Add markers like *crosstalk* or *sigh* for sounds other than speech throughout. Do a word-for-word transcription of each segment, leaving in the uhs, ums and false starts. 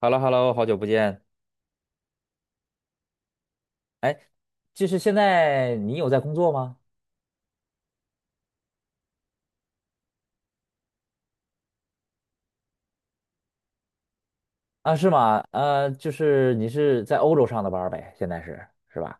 h e l l o h e l l o 好久不见。哎，就是现在你有在工作吗？啊，是吗？呃，就是你是在欧洲上的班儿呗，现在是是吧？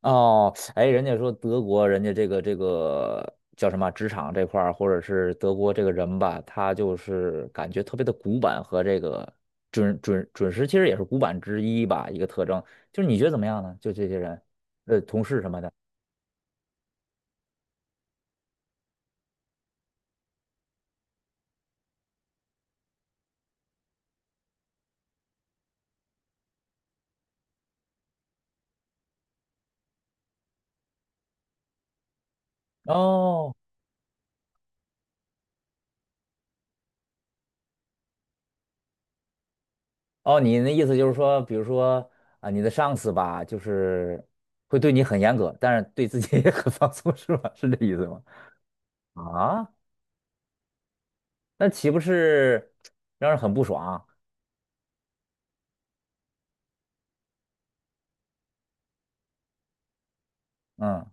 哦，哎，人家说德国，人家这个这个叫什么职场这块儿，或者是德国这个人吧，他就是感觉特别的古板和这个准准准时，其实也是古板之一吧，一个特征。就是你觉得怎么样呢？就这些人，呃，同事什么的。哦哦，你的意思就是说，比如说啊，你的上司吧，就是会对你很严格，但是对自己也很放松，*laughs* 是吧？是这意思吗？啊，那岂不是让人很不爽？嗯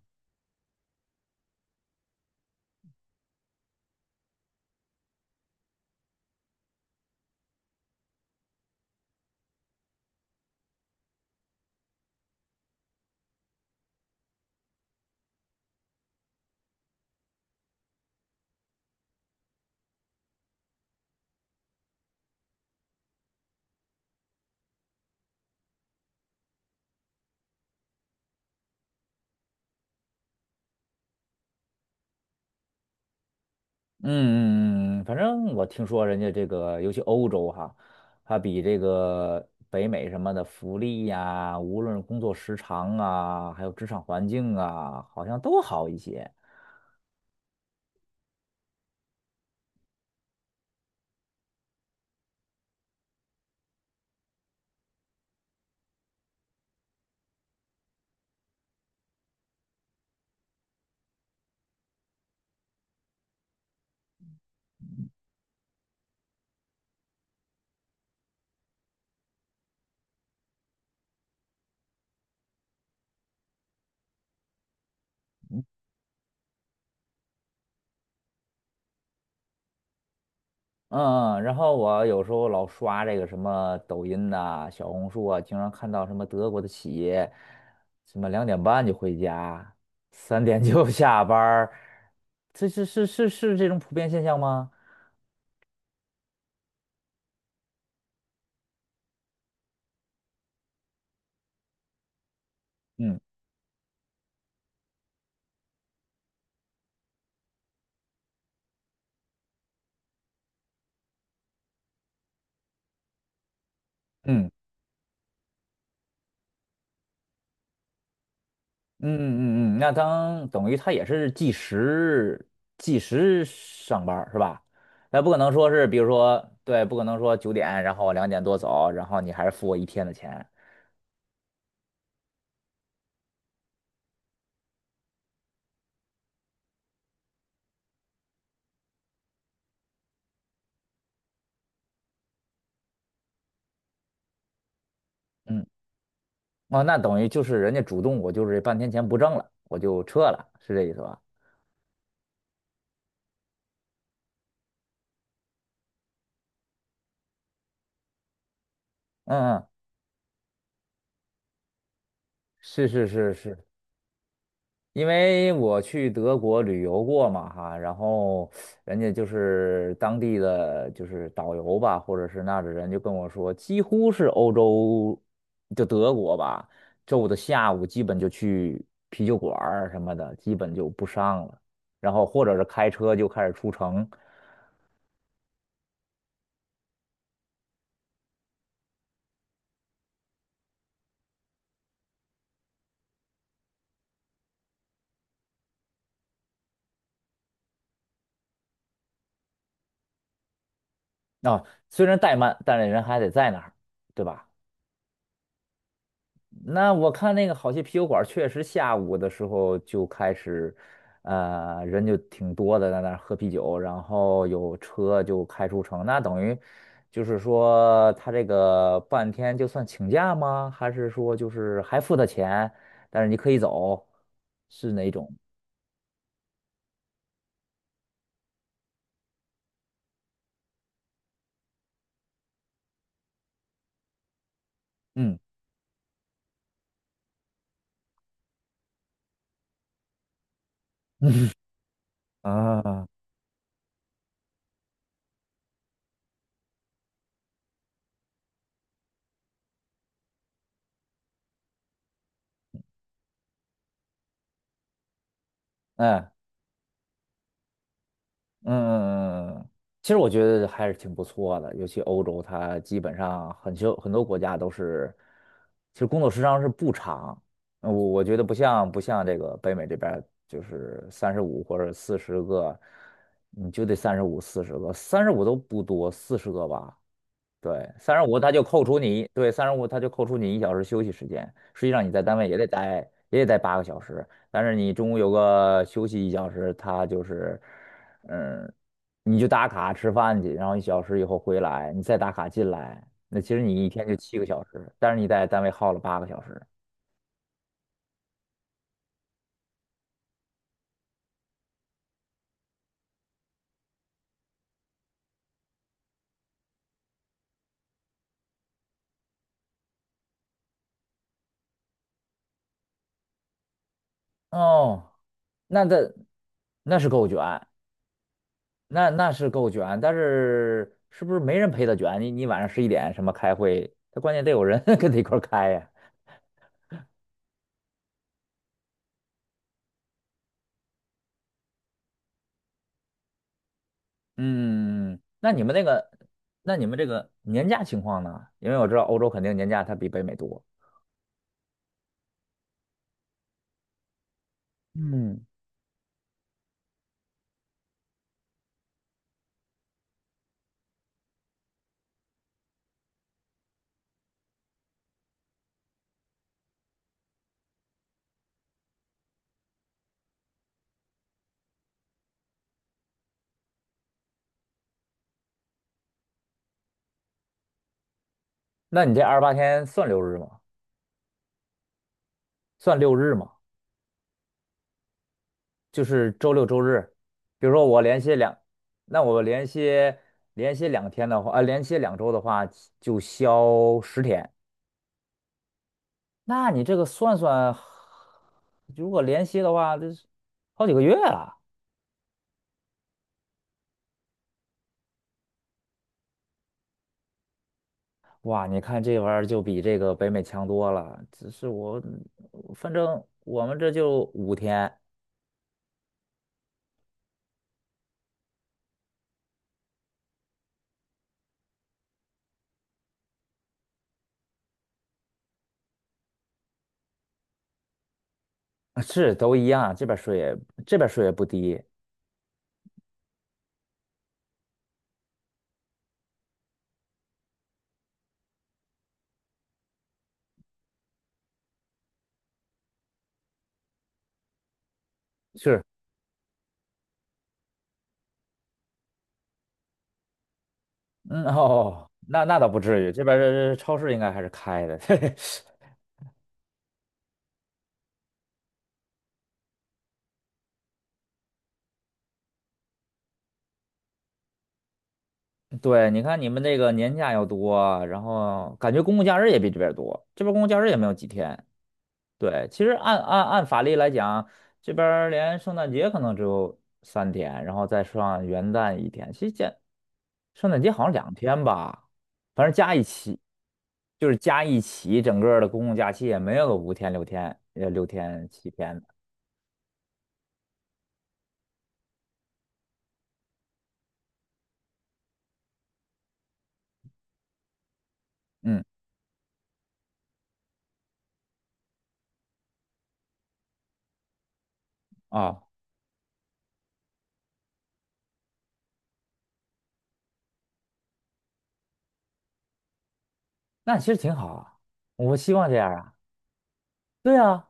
嗯嗯嗯，反正我听说人家这个，尤其欧洲哈，它比这个北美什么的福利呀，无论工作时长啊，还有职场环境啊，好像都好一些。嗯嗯，然后我有时候老刷这个什么抖音呐、小红书啊，经常看到什么德国的企业，什么两点半就回家，三点就 *laughs* 下班儿，这是是是是这种普遍现象吗？嗯嗯嗯嗯嗯，嗯，那当等于他也是计时计时上班儿是吧？那不可能说是，比如说对，不可能说九点，然后我两点多走，然后你还是付我一天的钱。嗯。哦，那等于就是人家主动，我就是半天钱不挣了，我就撤了，是这意思吧？嗯嗯，是是是是，因为我去德国旅游过嘛哈，然后人家就是当地的就是导游吧，或者是那儿的人就跟我说，几乎是欧洲就德国吧，周五的下午基本就去啤酒馆儿什么的，基本就不上了，然后或者是开车就开始出城。啊，虽然怠慢，但是人还得在那儿，对吧？那我看那个好些啤酒馆，确实下午的时候就开始，呃，人就挺多的，在那儿喝啤酒，然后有车就开出城。那等于就是说，他这个半天就算请假吗？还是说就是还付他钱，但是你可以走，是哪种？嗯啊，哎。嗯嗯嗯其实我觉得还是挺不错的，尤其欧洲，它基本上很多很多国家都是，其实工作时长是不长，呃我我觉得不像不像这个北美这边儿就是三十五或者四十个，你就得三十五四十个，三十五都不多，四十个吧，对，三十五他就扣除你，对，三十五他就扣除你一小时休息时间。实际上你在单位也得待，也得待八个小时，但是你中午有个休息一小时，他就是，嗯，你就打卡吃饭去，然后一小时以后回来，你再打卡进来，那其实你一天就七个小时，但是你在单位耗了八个小时。哦，那这那是够卷，那那是够卷，但是是不是没人陪他卷？你你晚上十一点什么开会，他关键得有人 *laughs* 跟他一块儿开呀。嗯，嗯嗯那你们那个，那你们这个年假情况呢？因为我知道欧洲肯定年假它比北美多。嗯，那你这二十八天算六日吗？算六日吗？就是周六周日，比如说我连歇两，那我连歇连歇两天的话，呃，连歇两周的话就休十天。那你这个算算，如果连歇的话，这是好几个月啊。哇，你看这玩意儿就比这个北美强多了。只是我，反正我们这就五天，*laughs* 是都一样。这边税也这边税也不低。是，嗯哦，那那倒不至于，这边儿这超市应该还是开的。*laughs* 对，你看你们这个年假又多，然后感觉公共假日也比这边儿多，这边儿公共假日也没有几天。对，其实按按按法律来讲，这边儿连圣诞节可能只有三天，然后再上元旦一天，其实这圣诞节好像两天吧，反正加一起，就是加一起，整个的公共假期也没有个五天六天，呃，六天七天的。嗯，啊，那其实挺好啊，我希望这样啊。对啊，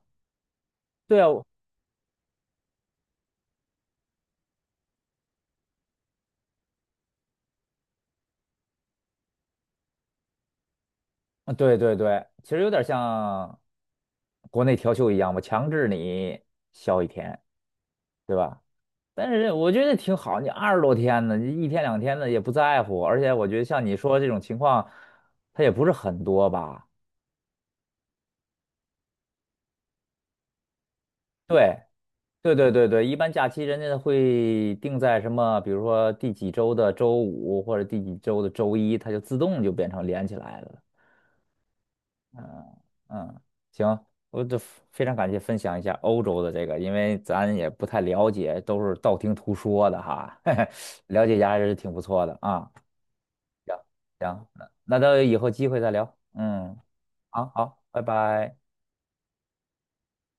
对啊，我啊对对对，其实有点像国内调休一样，我强制你休一天，对吧？但是我觉得挺好，你二十多天呢，你一天两天的也不在乎，而且我觉得像你说这种情况，它也不是很多吧。对，对对对对，一般假期人家会定在什么，比如说第几周的周五或者第几周的周一，它就自动就变成连起来了。嗯，行，我这非常感谢分享一下欧洲的这个，因为咱也不太了解，都是道听途说的哈，*laughs* 嘿嘿，了解一下还是挺不错的啊。行，那那等以后机会再聊。嗯，好好，拜拜。